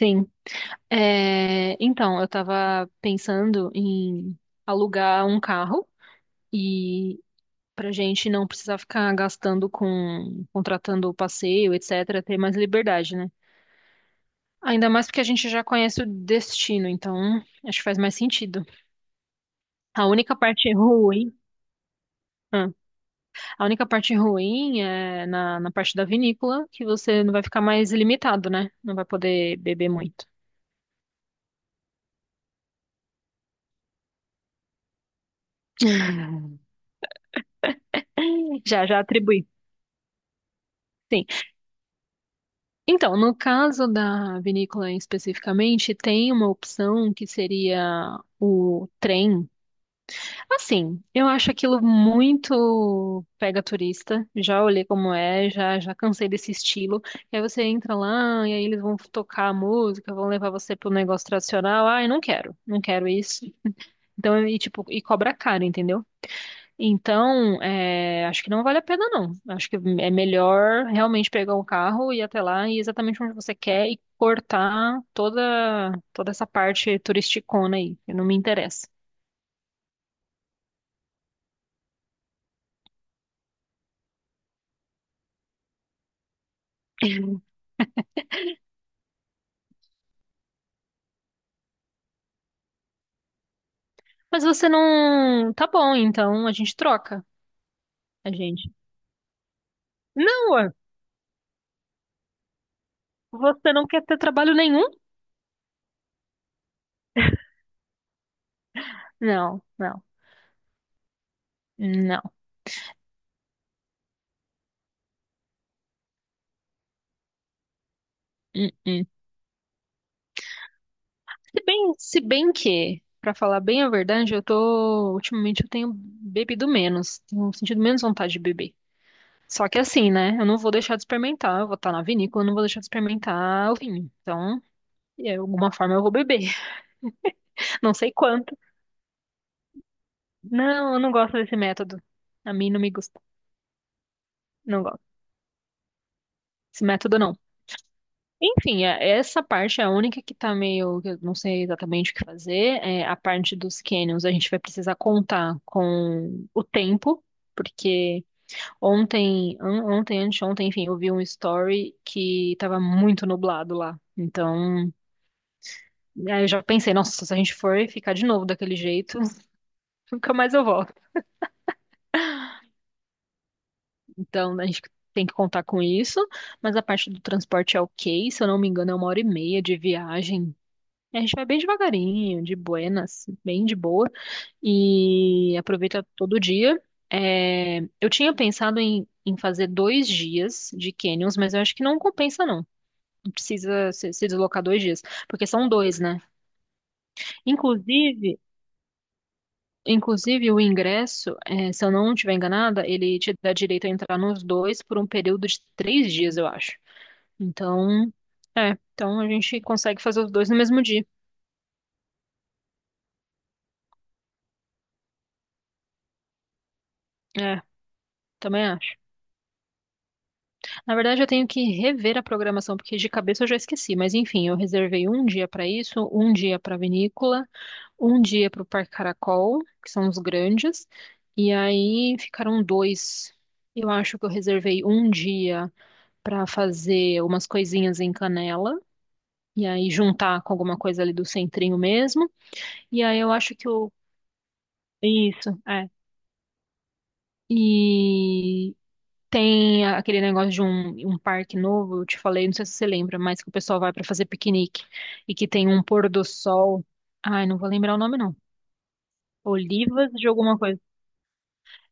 Sim. É, então, eu tava pensando em alugar um carro e pra gente não precisar ficar gastando com contratando o passeio, etc, ter mais liberdade, né? Ainda mais porque a gente já conhece o destino, então acho que faz mais sentido. A única parte ruim, ah, a única parte ruim é na parte da vinícola, que você não vai ficar mais limitado, né? Não vai poder beber muito. Já, já atribuí. Sim. Então, no caso da vinícola especificamente, tem uma opção que seria o trem. Assim, eu acho aquilo muito pega turista. Já olhei como é, já já cansei desse estilo. E aí você entra lá e aí eles vão tocar a música, vão levar você pro negócio tradicional. Ai, não quero, não quero isso. Então, e tipo, e cobra caro, entendeu? Então, é, acho que não vale a pena, não. Acho que é melhor realmente pegar um carro e ir até lá e ir exatamente onde você quer e cortar toda essa parte turisticona aí, que não me interessa. Mas você não. Tá bom, então a gente troca, a gente. Não, ué, você não quer ter trabalho nenhum? Não, não, não. Hum, hum. Se bem que, pra falar bem a verdade, eu tô. Ultimamente eu tenho bebido menos, tenho sentido menos vontade de beber. Só que assim, né? Eu não vou deixar de experimentar. Eu vou estar na vinícola, eu não vou deixar de experimentar o vinho. Então, de alguma forma eu vou beber. Não sei quanto. Não, eu não gosto desse método. A mim não me gusta. Não gosto. Esse método não. Enfim, essa parte é a única que tá meio, que eu não sei exatamente o que fazer. É a parte dos canyons, a gente vai precisar contar com o tempo. Porque ontem, anteontem, enfim, eu vi um story que tava muito nublado lá. Então, aí eu já pensei, nossa, se a gente for ficar de novo daquele jeito, nunca mais eu volto. Então a gente tem que contar com isso, mas a parte do transporte é ok, se eu não me engano, é 1 hora e meia de viagem. E a gente vai bem devagarinho, de buenas, bem de boa, e aproveita todo dia. É, eu tinha pensado em fazer 2 dias de canyons, mas eu acho que não compensa, não. Não precisa se deslocar 2 dias, porque são dois, né? Inclusive, Inclusive, o ingresso, eh, se eu não estiver enganada, ele te dá direito a entrar nos dois por um período de 3 dias, eu acho. Então, é, então a gente consegue fazer os dois no mesmo dia. É, também acho. Na verdade, eu tenho que rever a programação, porque de cabeça eu já esqueci. Mas enfim, eu reservei um dia para isso, um dia para vinícola, um dia para o Parque Caracol, que são os grandes, e aí ficaram dois. Eu acho que eu reservei um dia para fazer umas coisinhas em Canela e aí juntar com alguma coisa ali do centrinho mesmo. E aí eu acho que o. Isso, é. E tem aquele negócio de um parque novo, eu te falei, não sei se você lembra, mas que o pessoal vai pra fazer piquenique e que tem um pôr do sol. Ai, não vou lembrar o nome, não. Olivas de alguma coisa.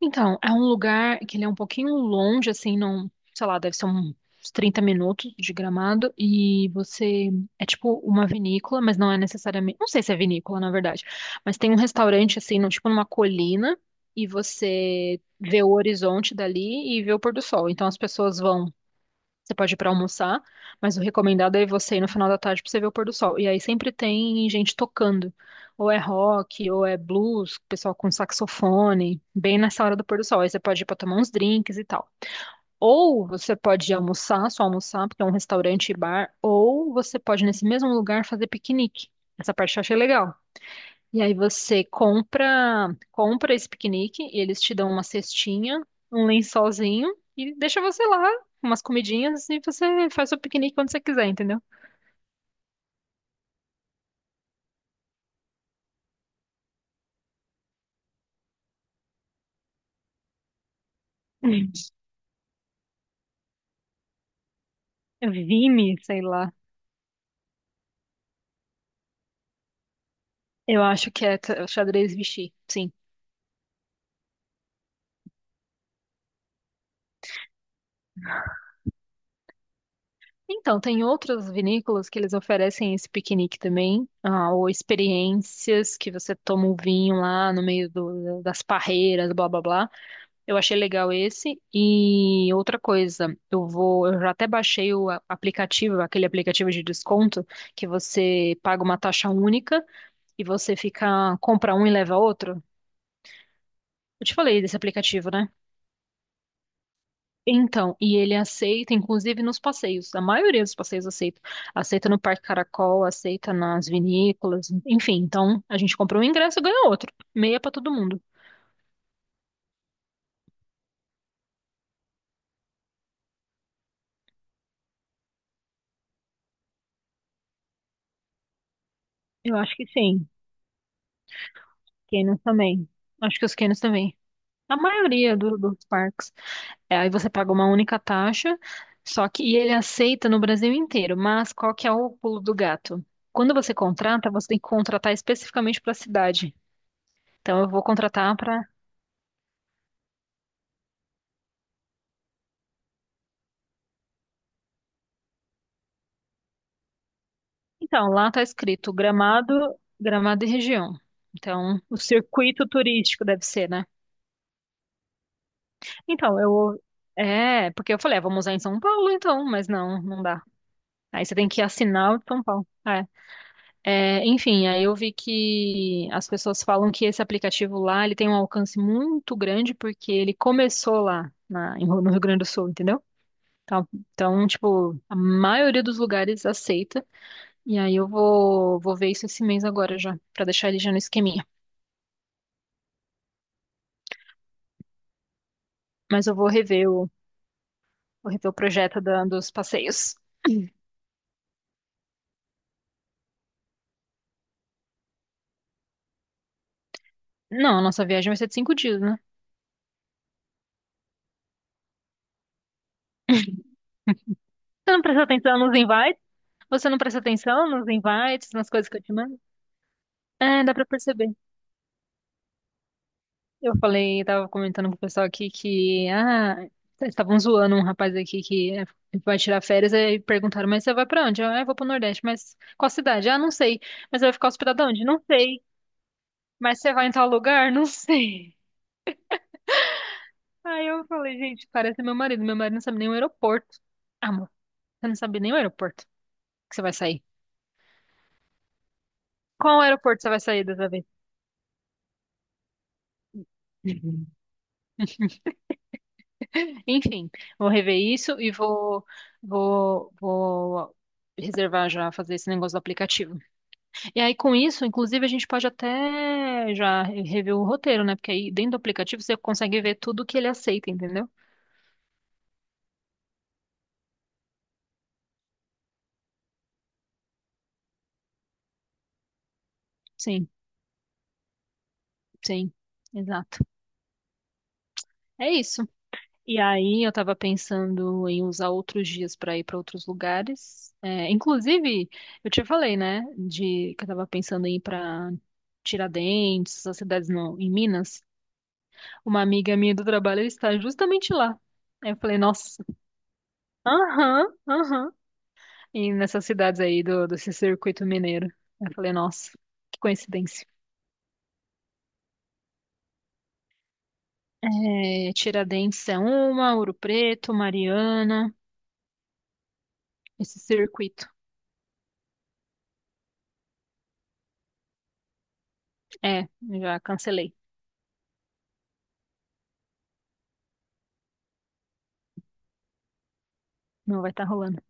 Então, é um lugar que ele é um pouquinho longe, assim, não, sei lá, deve ser uns 30 minutos de Gramado, e você, é tipo uma vinícola, mas não é necessariamente, não sei se é vinícola, na verdade, mas tem um restaurante, assim, no, tipo numa colina, e você vê o horizonte dali e vê o pôr do sol, então as pessoas vão, você pode ir para almoçar, mas o recomendado é você ir no final da tarde para você ver o pôr do sol. E aí sempre tem gente tocando, ou é rock, ou é blues, pessoal com saxofone, bem nessa hora do pôr do sol. Aí você pode ir para tomar uns drinks e tal. Ou você pode ir almoçar, só almoçar, porque é um restaurante e bar, ou você pode nesse mesmo lugar fazer piquenique. Essa parte eu achei legal. E aí você compra, compra esse piquenique, e eles te dão uma cestinha, um lençolzinho e deixa você lá, umas comidinhas e você faz o piquenique quando você quiser, entendeu? Hum. Vime, sei lá. Eu acho que é xadrez Vichy, sim. Então, tem outras vinícolas que eles oferecem esse piquenique também, ah, ou experiências que você toma um vinho lá no meio das parreiras, blá blá blá. Eu achei legal esse. E outra coisa, eu vou, eu já até baixei o aplicativo, aquele aplicativo de desconto que você paga uma taxa única e você fica compra um e leva outro. Eu te falei desse aplicativo, né? Então, e ele aceita, inclusive nos passeios. A maioria dos passeios aceita. Aceita no Parque Caracol, aceita nas vinícolas, enfim. Então, a gente compra um ingresso e ganha outro. Meia pra todo mundo. Eu acho que sim. Canos também. Acho que os Canos também. A maioria dos parques. É, aí você paga uma única taxa, só que e ele aceita no Brasil inteiro. Mas qual que é o pulo do gato? Quando você contrata, você tem que contratar especificamente para a cidade. Então eu vou contratar para. Então, lá está escrito Gramado, Gramado e região. Então, o circuito turístico deve ser, né? Então, eu é, porque eu falei, ah, vamos usar em São Paulo, então, mas não, não dá. Aí você tem que assinar o de São Paulo. É. É, enfim, aí eu vi que as pessoas falam que esse aplicativo lá, ele tem um alcance muito grande porque ele começou lá no Rio Grande do Sul, entendeu? Então, tipo, a maioria dos lugares aceita. E aí eu vou, vou ver isso esse mês agora já, pra deixar ele já no esqueminha. Mas eu vou rever o projeto dos passeios. Não, a nossa viagem vai ser de 5 dias, né? Você não presta atenção nos invites? Você não presta atenção nos invites, nas coisas que eu te mando? É, dá pra perceber. Eu falei, tava comentando com o pessoal aqui que, ah, eles estavam zoando um rapaz aqui que é, vai tirar férias e perguntaram, mas você vai pra onde? Eu, ah, eu vou pro Nordeste, mas qual cidade? Ah, não sei. Mas você vai ficar hospedado onde? Não sei. Mas você vai em tal lugar? Não sei. Aí eu falei, gente, parece meu marido. Meu marido não sabe nem o aeroporto. Ah, amor, você não sabe nem o aeroporto que você vai sair. Qual aeroporto você vai sair dessa vez? Uhum. Enfim, vou rever isso e vou reservar já, fazer esse negócio do aplicativo. E aí, com isso, inclusive, a gente pode até já rever o roteiro, né? Porque aí dentro do aplicativo você consegue ver tudo que ele aceita, entendeu? Sim, sim, exato. É isso. E aí, eu tava pensando em usar outros dias para ir para outros lugares. É, inclusive, eu te falei, né? De que eu tava pensando em ir para Tiradentes, essas cidades no, em Minas. Uma amiga minha do trabalho está justamente lá. Aí eu falei, nossa, aham, aham. E nessas cidades aí do, desse circuito mineiro. Eu falei, nossa, que coincidência. É, Tiradentes é uma, Ouro Preto, Mariana, esse circuito. É, já cancelei. Não vai estar rolando.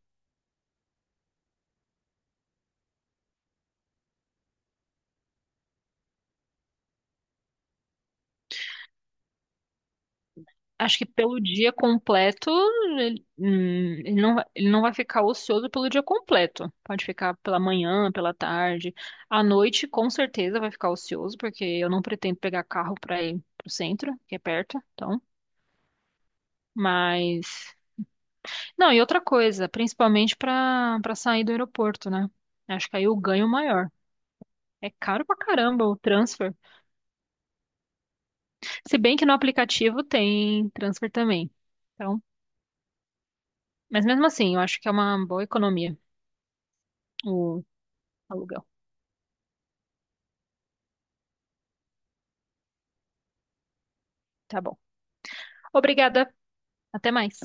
Acho que pelo dia completo, ele não vai ficar ocioso pelo dia completo. Pode ficar pela manhã, pela tarde. À noite, com certeza, vai ficar ocioso, porque eu não pretendo pegar carro para ir pro centro, que é perto, então. Mas. Não, e outra coisa, principalmente para sair do aeroporto, né? Acho que aí o ganho maior. É caro pra caramba o transfer. Se bem que no aplicativo tem transfer também. Então, mas mesmo assim, eu acho que é uma boa economia o aluguel. Tá bom. Obrigada. Até mais.